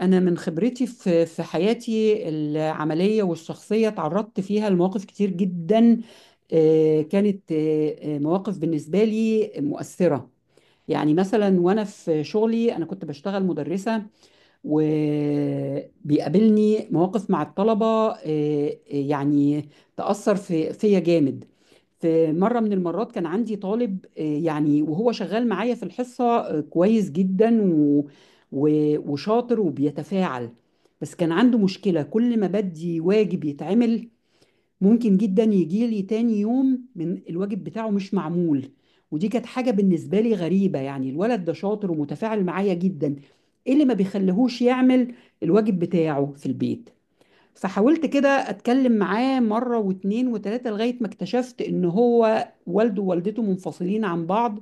أنا من خبرتي في حياتي العملية والشخصية تعرضت فيها لمواقف كتير جدا. آه، كانت آه، آه، مواقف بالنسبة لي مؤثرة. يعني مثلا وأنا في شغلي أنا كنت بشتغل مدرسة، وبيقابلني مواقف مع الطلبة يعني تأثر فيا جامد. في مرة من المرات كان عندي طالب، يعني وهو شغال معايا في الحصة كويس جدا، و... وشاطر وبيتفاعل. بس كان عنده مشكلة، كل ما بدي واجب يتعمل ممكن جدا يجي لي تاني يوم من الواجب بتاعه مش معمول. ودي كانت حاجة بالنسبة لي غريبة، يعني الولد ده شاطر ومتفاعل معايا جدا، ايه اللي ما بيخليهوش يعمل الواجب بتاعه في البيت؟ فحاولت كده اتكلم معاه مرة واتنين وتلاتة لغاية ما اكتشفت ان هو والده ووالدته منفصلين عن بعض.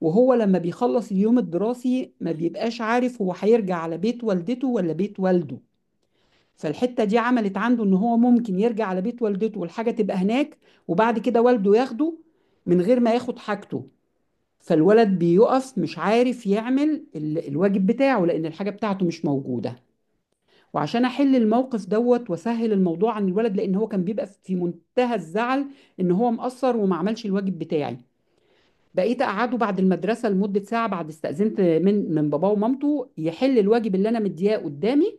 وهو لما بيخلص اليوم الدراسي ما بيبقاش عارف هو هيرجع على بيت والدته ولا بيت والده. فالحتة دي عملت عنده ان هو ممكن يرجع على بيت والدته والحاجة تبقى هناك، وبعد كده والده ياخده من غير ما ياخد حاجته. فالولد بيقف مش عارف يعمل الواجب بتاعه لان الحاجة بتاعته مش موجودة. وعشان احل الموقف دوت واسهل الموضوع عن الولد، لان هو كان بيبقى في منتهى الزعل ان هو مقصر وما عملش الواجب بتاعي، بقيت اقعده بعد المدرسه لمده ساعه، بعد استاذنت من باباه ومامته، يحل الواجب اللي انا مدياه قدامي،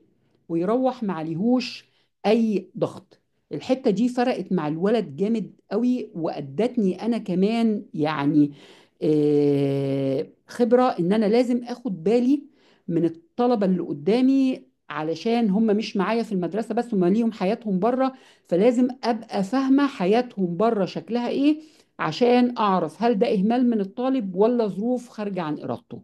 ويروح ما عليهوش اي ضغط. الحته دي فرقت مع الولد جامد قوي، وادتني انا كمان يعني خبره ان انا لازم اخد بالي من الطلبه اللي قدامي، علشان هم مش معايا في المدرسه بس، هم ليهم حياتهم بره، فلازم ابقى فاهمه حياتهم بره شكلها ايه، عشان اعرف هل ده اهمال من الطالب ولا ظروف خارجه عن ارادته.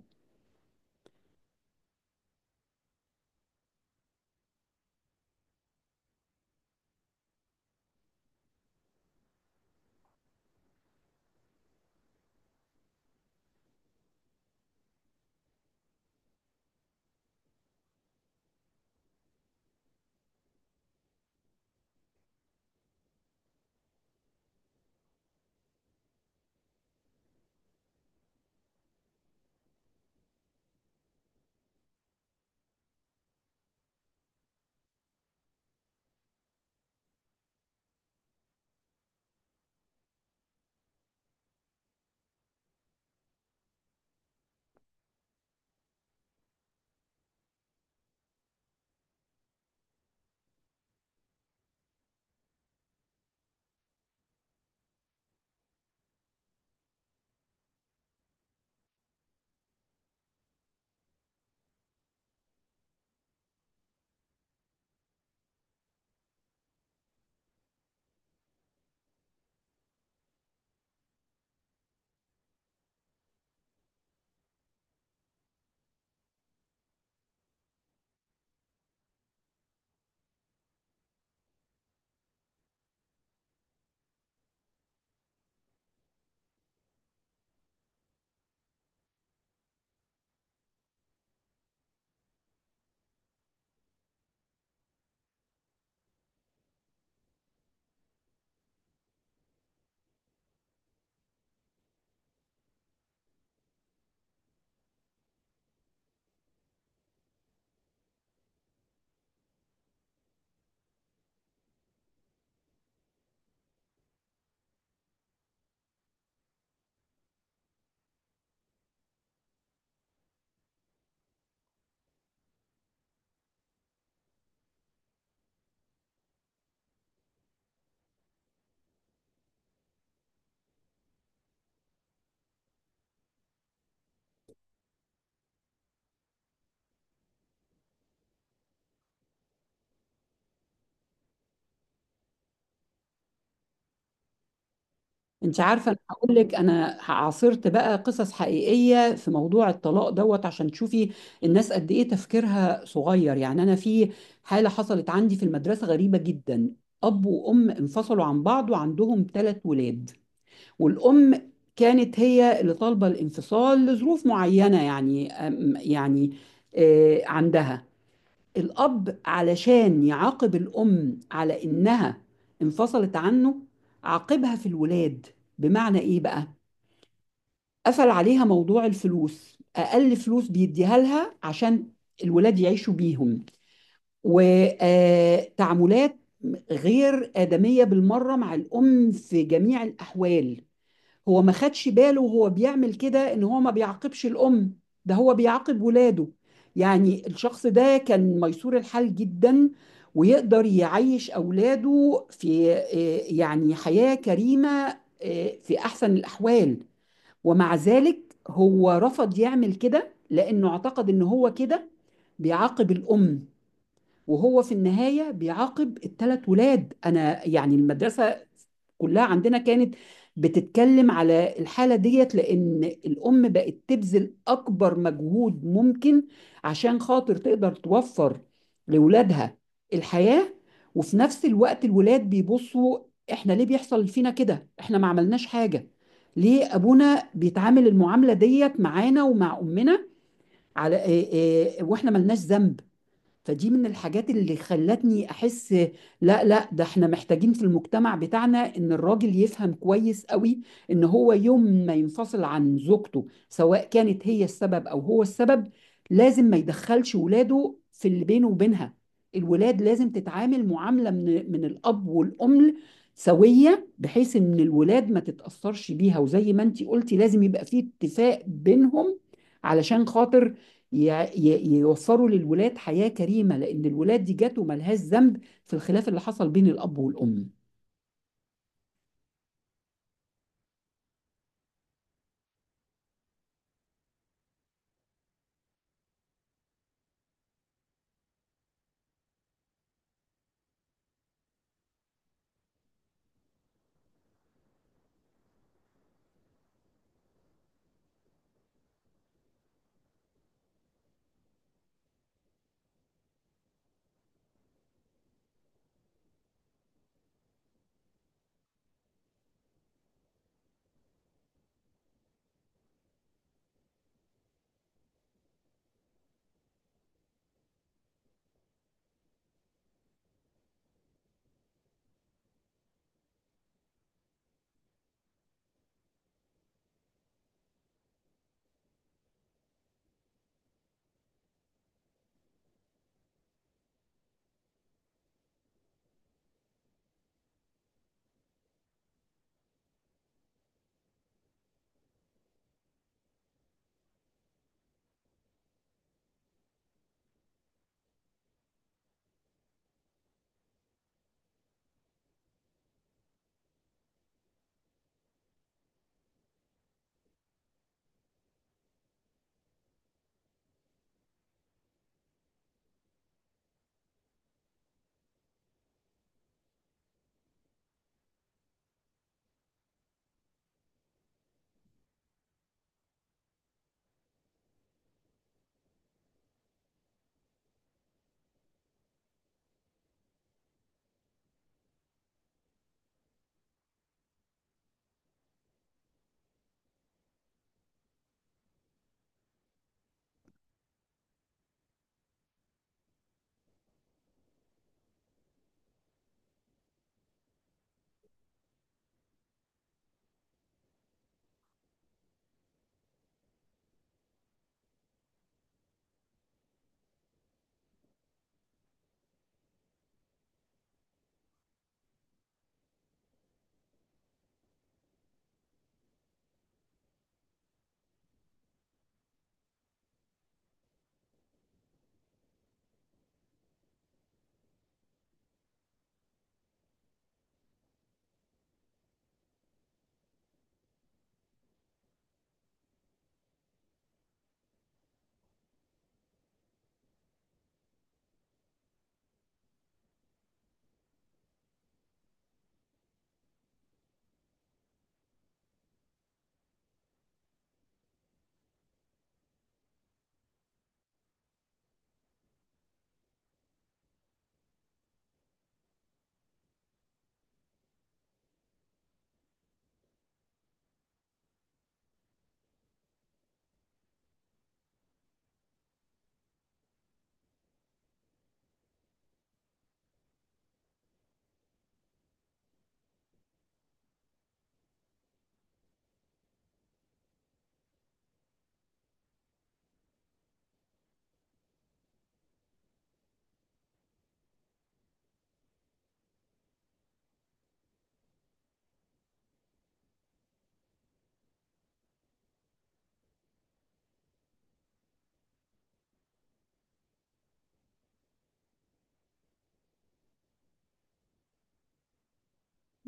انت عارفه، انا هقول لك انا عاصرت بقى قصص حقيقيه في موضوع الطلاق دوت عشان تشوفي الناس قد ايه تفكيرها صغير. يعني انا في حاله حصلت عندي في المدرسه غريبه جدا. اب وام انفصلوا عن بعض وعندهم ثلاث ولاد، والام كانت هي اللي طالبه الانفصال لظروف معينه، يعني عندها الأب علشان يعاقب الأم على إنها انفصلت عنه عاقبها في الولاد. بمعنى إيه بقى؟ قفل عليها موضوع الفلوس، أقل فلوس بيديها لها عشان الولاد يعيشوا بيهم، وتعاملات غير آدمية بالمرة مع الأم في جميع الأحوال. هو ما خدش باله وهو بيعمل كده ان هو ما بيعاقبش الام، ده هو بيعاقب ولاده. يعني الشخص ده كان ميسور الحال جدا، ويقدر يعيش اولاده في يعني حياة كريمة في احسن الاحوال. ومع ذلك هو رفض يعمل كده لانه اعتقد ان هو كده بيعاقب الام، وهو في النهاية بيعاقب الثلاث ولاد. أنا يعني المدرسة كلها عندنا كانت بتتكلم على الحالة ديت، لأن الأم بقت تبذل أكبر مجهود ممكن عشان خاطر تقدر توفر لولادها الحياة. وفي نفس الوقت الولاد بيبصوا إحنا ليه بيحصل فينا كده؟ إحنا ما عملناش حاجة، ليه أبونا بيتعامل المعاملة ديت معانا ومع أمنا على إيه إيه وإحنا ملناش ذنب؟ فدي من الحاجات اللي خلتني احس لا لا، ده احنا محتاجين في المجتمع بتاعنا ان الراجل يفهم كويس قوي ان هو يوم ما ينفصل عن زوجته، سواء كانت هي السبب او هو السبب، لازم ما يدخلش ولاده في اللي بينه وبينها. الولاد لازم تتعامل معاملة من الاب والام سوية، بحيث ان الولاد ما تتأثرش بيها. وزي ما انتي قلتي لازم يبقى فيه اتفاق بينهم علشان خاطر يوفروا للولاد حياة كريمة، لأن الولاد دي جات وملهاش ذنب في الخلاف اللي حصل بين الأب والأم.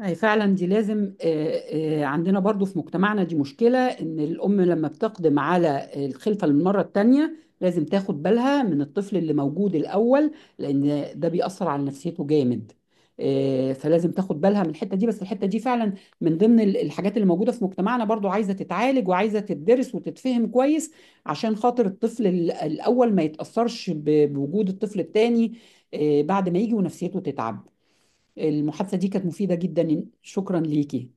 أي فعلا دي لازم عندنا برضو في مجتمعنا دي مشكلة، إن الأم لما بتقدم على الخلفة للمرة التانية لازم تاخد بالها من الطفل اللي موجود الأول، لأن ده بيأثر على نفسيته جامد. فلازم تاخد بالها من الحتة دي. بس الحتة دي فعلا من ضمن الحاجات اللي موجودة في مجتمعنا برضو، عايزة تتعالج وعايزة تدرس وتتفهم كويس عشان خاطر الطفل الأول ما يتأثرش بوجود الطفل التاني بعد ما يجي ونفسيته تتعب. المحادثة دي كانت مفيدة جدا، شكرا ليكي.